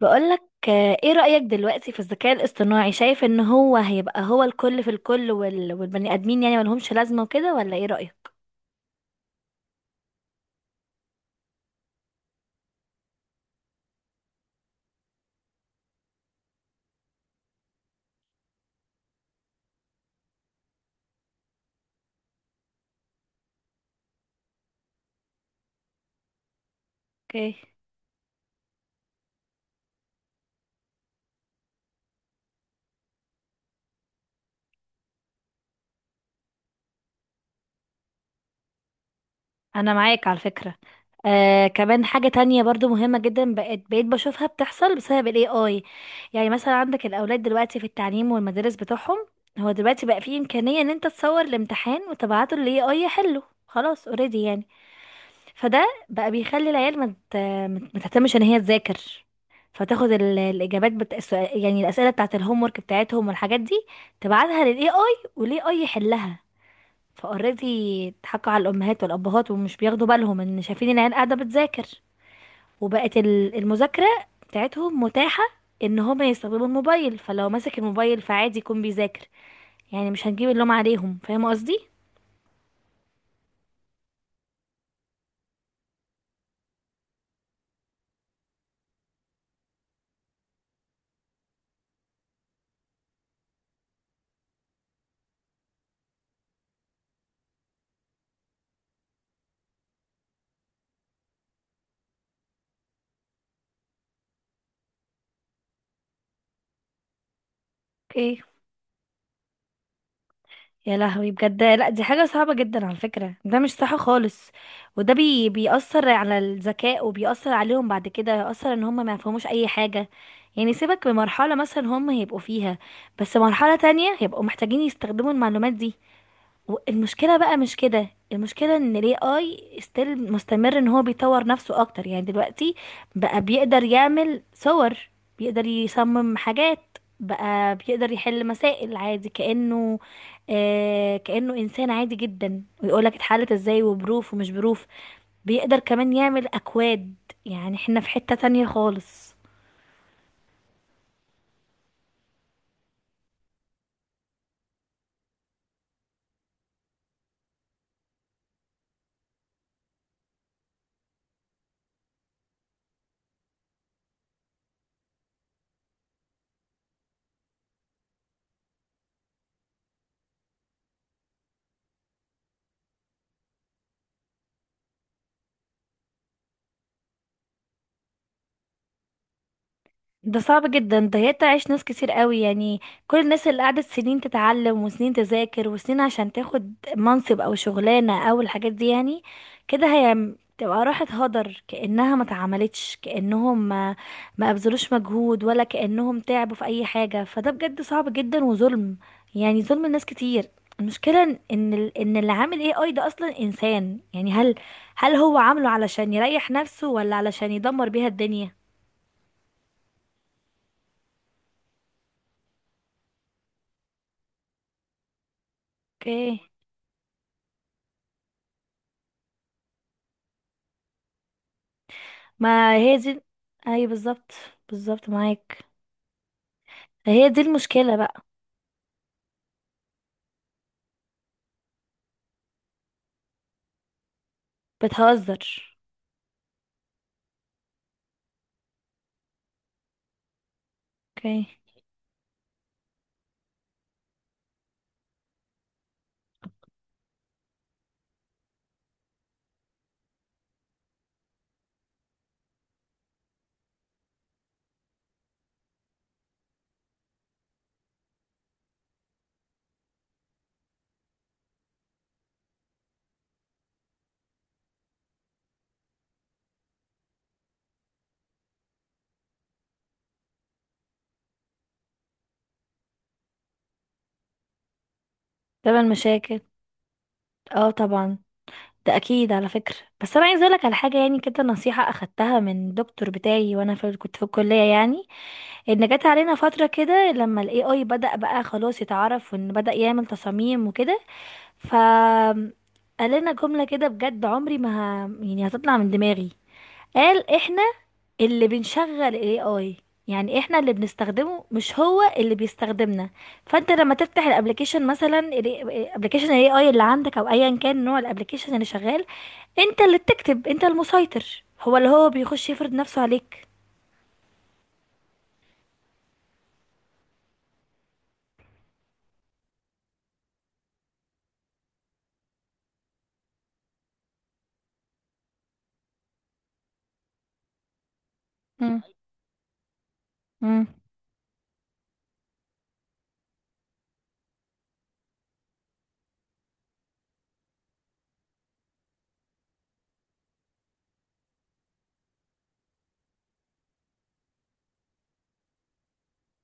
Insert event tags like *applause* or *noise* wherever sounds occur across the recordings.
بقولك. ايه رأيك دلوقتي في الذكاء الاصطناعي؟ شايف ان هو هيبقى الكل في الكل والبني ادمين يعني ملهمش لازمة وكده، ولا ايه رأيك؟ اوكي، انا معاك على فكرة. كمان حاجة تانية برضو مهمة جدا بقيت بشوفها بتحصل بسبب الاي اي. يعني مثلا عندك الاولاد دلوقتي في التعليم والمدارس بتوعهم، هو دلوقتي بقى فيه امكانية ان انت تصور الامتحان وتبعته للاي اي يحله، خلاص اوريدي يعني. فده بقى بيخلي العيال ما مت... مت... متهتمش ان هي تذاكر، فتاخد الاجابات يعني الاسئله بتاعت الهوم ورك بتاعتهم والحاجات دي، تبعتها للاي اي والاي اي يحلها، فاوريدي اتحكوا على الامهات والابهات ومش بياخدوا بالهم ان شايفين العيال قاعده بتذاكر. وبقت المذاكره بتاعتهم متاحه ان هما يستخدموا الموبايل، فلو ماسك الموبايل فعادي يكون بيذاكر، يعني مش هنجيب اللوم عليهم، فاهمه قصدي. يا لهوي بجد، لا دي حاجة صعبة جدا على فكرة، ده مش صح خالص. وده بيأثر على الذكاء وبيأثر عليهم بعد كده، يأثر ان هم ما يفهموش اي حاجة. يعني سيبك بمرحلة مثلا هم هيبقوا فيها، بس مرحلة تانية هيبقوا محتاجين يستخدموا المعلومات دي. المشكله بقى مش كده، المشكله ان الاي اي ستيل مستمر ان هو بيطور نفسه اكتر. يعني دلوقتي بقى بيقدر يعمل صور، بيقدر يصمم حاجات، بقى بيقدر يحل مسائل عادي كأنه، كأنه إنسان عادي جدا، ويقولك اتحلت ازاي وبروف ومش بروف، بيقدر كمان يعمل أكواد. يعني احنا في حتة تانية خالص. ده صعب جدا، ده هيتعش ناس كتير قوي يعني. كل الناس اللي قعدت سنين تتعلم وسنين تذاكر وسنين عشان تاخد منصب او شغلانة او الحاجات دي، يعني كده هي تبقى راحت هدر كأنها ما اتعملتش، كأنهم ما ابذلوش مجهود، ولا كأنهم تعبوا في اي حاجة. فده بجد صعب جدا وظلم، يعني ظلم الناس كتير. المشكلة إن اللي عامل ايه اي ده اصلا انسان، يعني هل، هل هو عامله علشان يريح نفسه، ولا علشان يدمر بيها الدنيا؟ اوكي. ما هي دي. اي بالظبط، بالظبط معاك. هي دي المشكلة بقى. بتهزر. اوكي. طبعا مشاكل. اه طبعا، ده اكيد على فكرة. بس انا عايزة اقولك على حاجة، يعني كده نصيحة اخدتها من دكتور بتاعي وانا كنت في الكلية يعني. ان جت علينا فترة كده لما الاي اي بدأ بقى خلاص يتعرف، وان بدأ يعمل تصاميم وكده، ف، قال لنا جملة كده، بجد عمري ما ه... يعني هتطلع من دماغي. قال احنا اللي بنشغل الاي اي، يعني احنا اللي بنستخدمه، مش هو اللي بيستخدمنا. فانت لما تفتح الابلكيشن مثلا، الابلكيشن الاي اي اللي عندك، او ايا كان نوع الابلكيشن اللي شغال، انت اللي بتكتب، انت المسيطر، هو اللي بيخش يفرض نفسه عليك. مم. مم.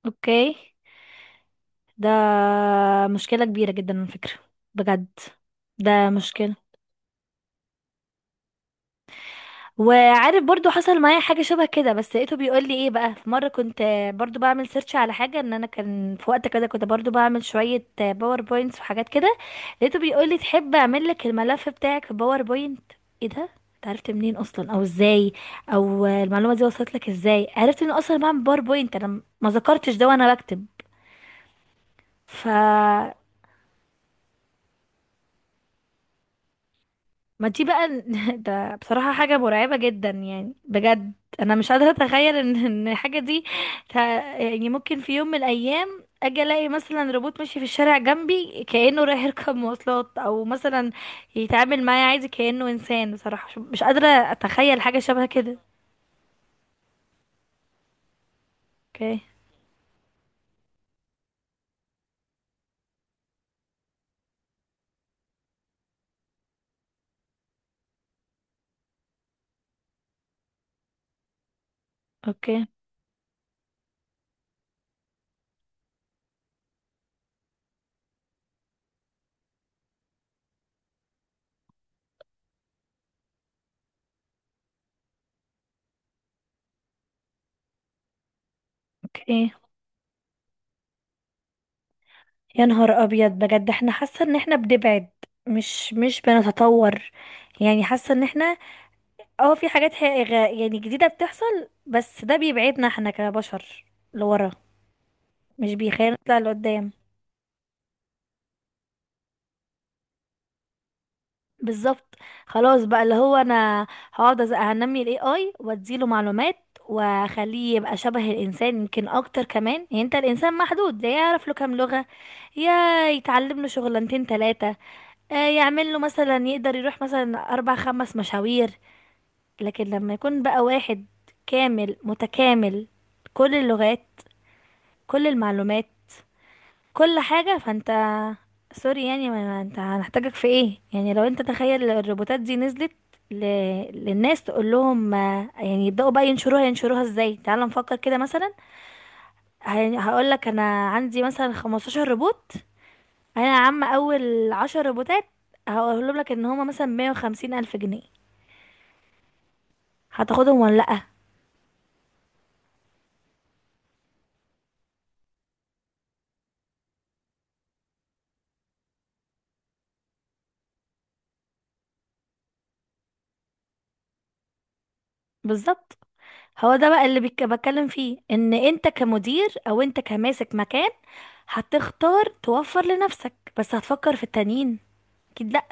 اوكي. ده مشكلة كبيرة جدا على فكرة، بجد ده مشكلة. وعارف برضو حصل معايا حاجة شبه كده، بس لقيته بيقول لي ايه بقى، في مرة كنت برضو بعمل سيرش على حاجة، ان انا كان في وقت كده كنت برضو بعمل شوية باوربوينتس وحاجات كده، لقيته بيقول لي تحب اعمل لك الملف بتاعك في باوربوينت. ايه ده، انت عرفت منين اصلا او ازاي، او المعلومة دي وصلت لك ازاي، عرفت ان اصلا بعمل باوربوينت انا، ما ذكرتش ده وانا بكتب. ف، ما دي بقى *laughs* ده بصراحة حاجة مرعبة جدا يعني بجد. انا مش قادرة اتخيل ان الحاجة دي، ت- يعني ممكن في يوم من الايام اجي الاقي مثلا روبوت ماشي في الشارع جنبي كأنه رايح يركب مواصلات، او مثلا يتعامل معايا عادي كأنه انسان. بصراحة مش قادرة اتخيل حاجة شبه كده. اوكي. اوكي. اوكي. يا نهار ابيض، بجد احنا حاسة ان احنا بنبعد، مش بنتطور. يعني حاسة ان احنا، اه في حاجات حقيقة يعني جديدة بتحصل، بس ده بيبعدنا احنا كبشر لورا، مش بيخلينا نطلع لقدام. بالظبط. خلاص بقى، اللي هو انا هقعد هنمي الاي اي واديله معلومات، واخليه يبقى شبه الانسان، يمكن اكتر كمان. يعني انت الانسان محدود، لا يعرف له كام لغة، يا يتعلم له شغلانتين تلاتة، يعمل له مثلا يقدر يروح مثلا اربع خمس مشاوير، لكن لما يكون بقى واحد كامل متكامل، كل اللغات، كل المعلومات، كل حاجة، فانت سوري يعني، ما انت هنحتاجك في ايه؟ يعني لو انت تخيل الروبوتات دي نزلت ل... للناس، تقول لهم يعني يبدأوا بقى ينشروها، ينشروها ازاي؟ تعال نفكر كده مثلا، هقول لك انا عندي مثلا 15 روبوت، انا يا عم اول 10 روبوتات هقولهم لك ان هما مثلا 150 الف جنيه، هتاخدهم ولا لأ؟ بالظبط، هو ده بقى اللي بتكلم فيه، ان انت كمدير او انت كماسك مكان، هتختار توفر لنفسك، بس هتفكر في التانيين؟ اكيد لا.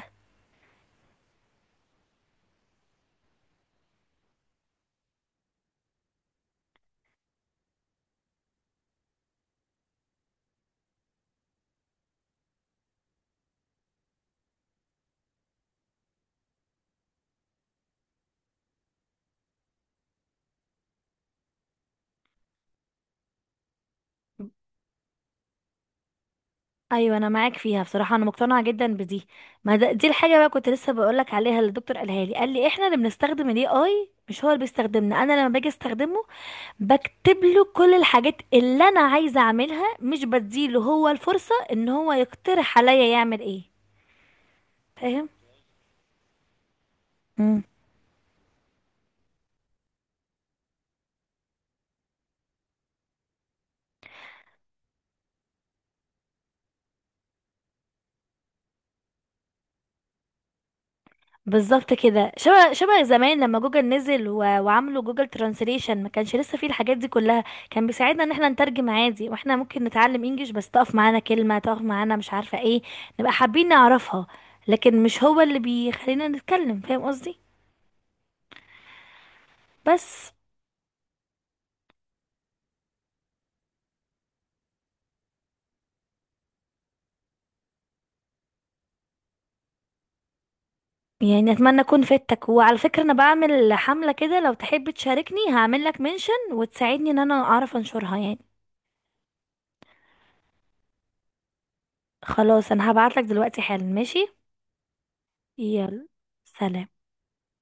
ايوه انا معاك فيها بصراحه، انا مقتنعه جدا بدي. ما ده دي الحاجه بقى كنت لسه بقولك عليها، اللي الدكتور قالها لي، قال لي احنا اللي بنستخدم الاي اي مش هو اللي بيستخدمنا. انا لما باجي استخدمه، بكتب له كل الحاجات اللي انا عايزه اعملها، مش بديله هو الفرصه ان هو يقترح عليا يعمل ايه. فاهم، بالظبط كده. شبه شبه زمان لما جوجل نزل، وعملوا جوجل ترانسليشن، ما كانش لسه فيه الحاجات دي كلها، كان بيساعدنا ان احنا نترجم عادي، واحنا ممكن نتعلم انجليش، بس تقف معانا كلمة، تقف معانا مش عارفة ايه، نبقى حابين نعرفها، لكن مش هو اللي بيخلينا نتكلم، فاهم قصدي. بس، يعني اتمنى اكون فدتك. وعلى فكرة انا بعمل حملة كده، لو تحب تشاركني هعمل لك منشن، وتساعدني ان انا اعرف انشرها يعني. خلاص انا هبعت لك دلوقتي حالا، ماشي؟ يلا سلام.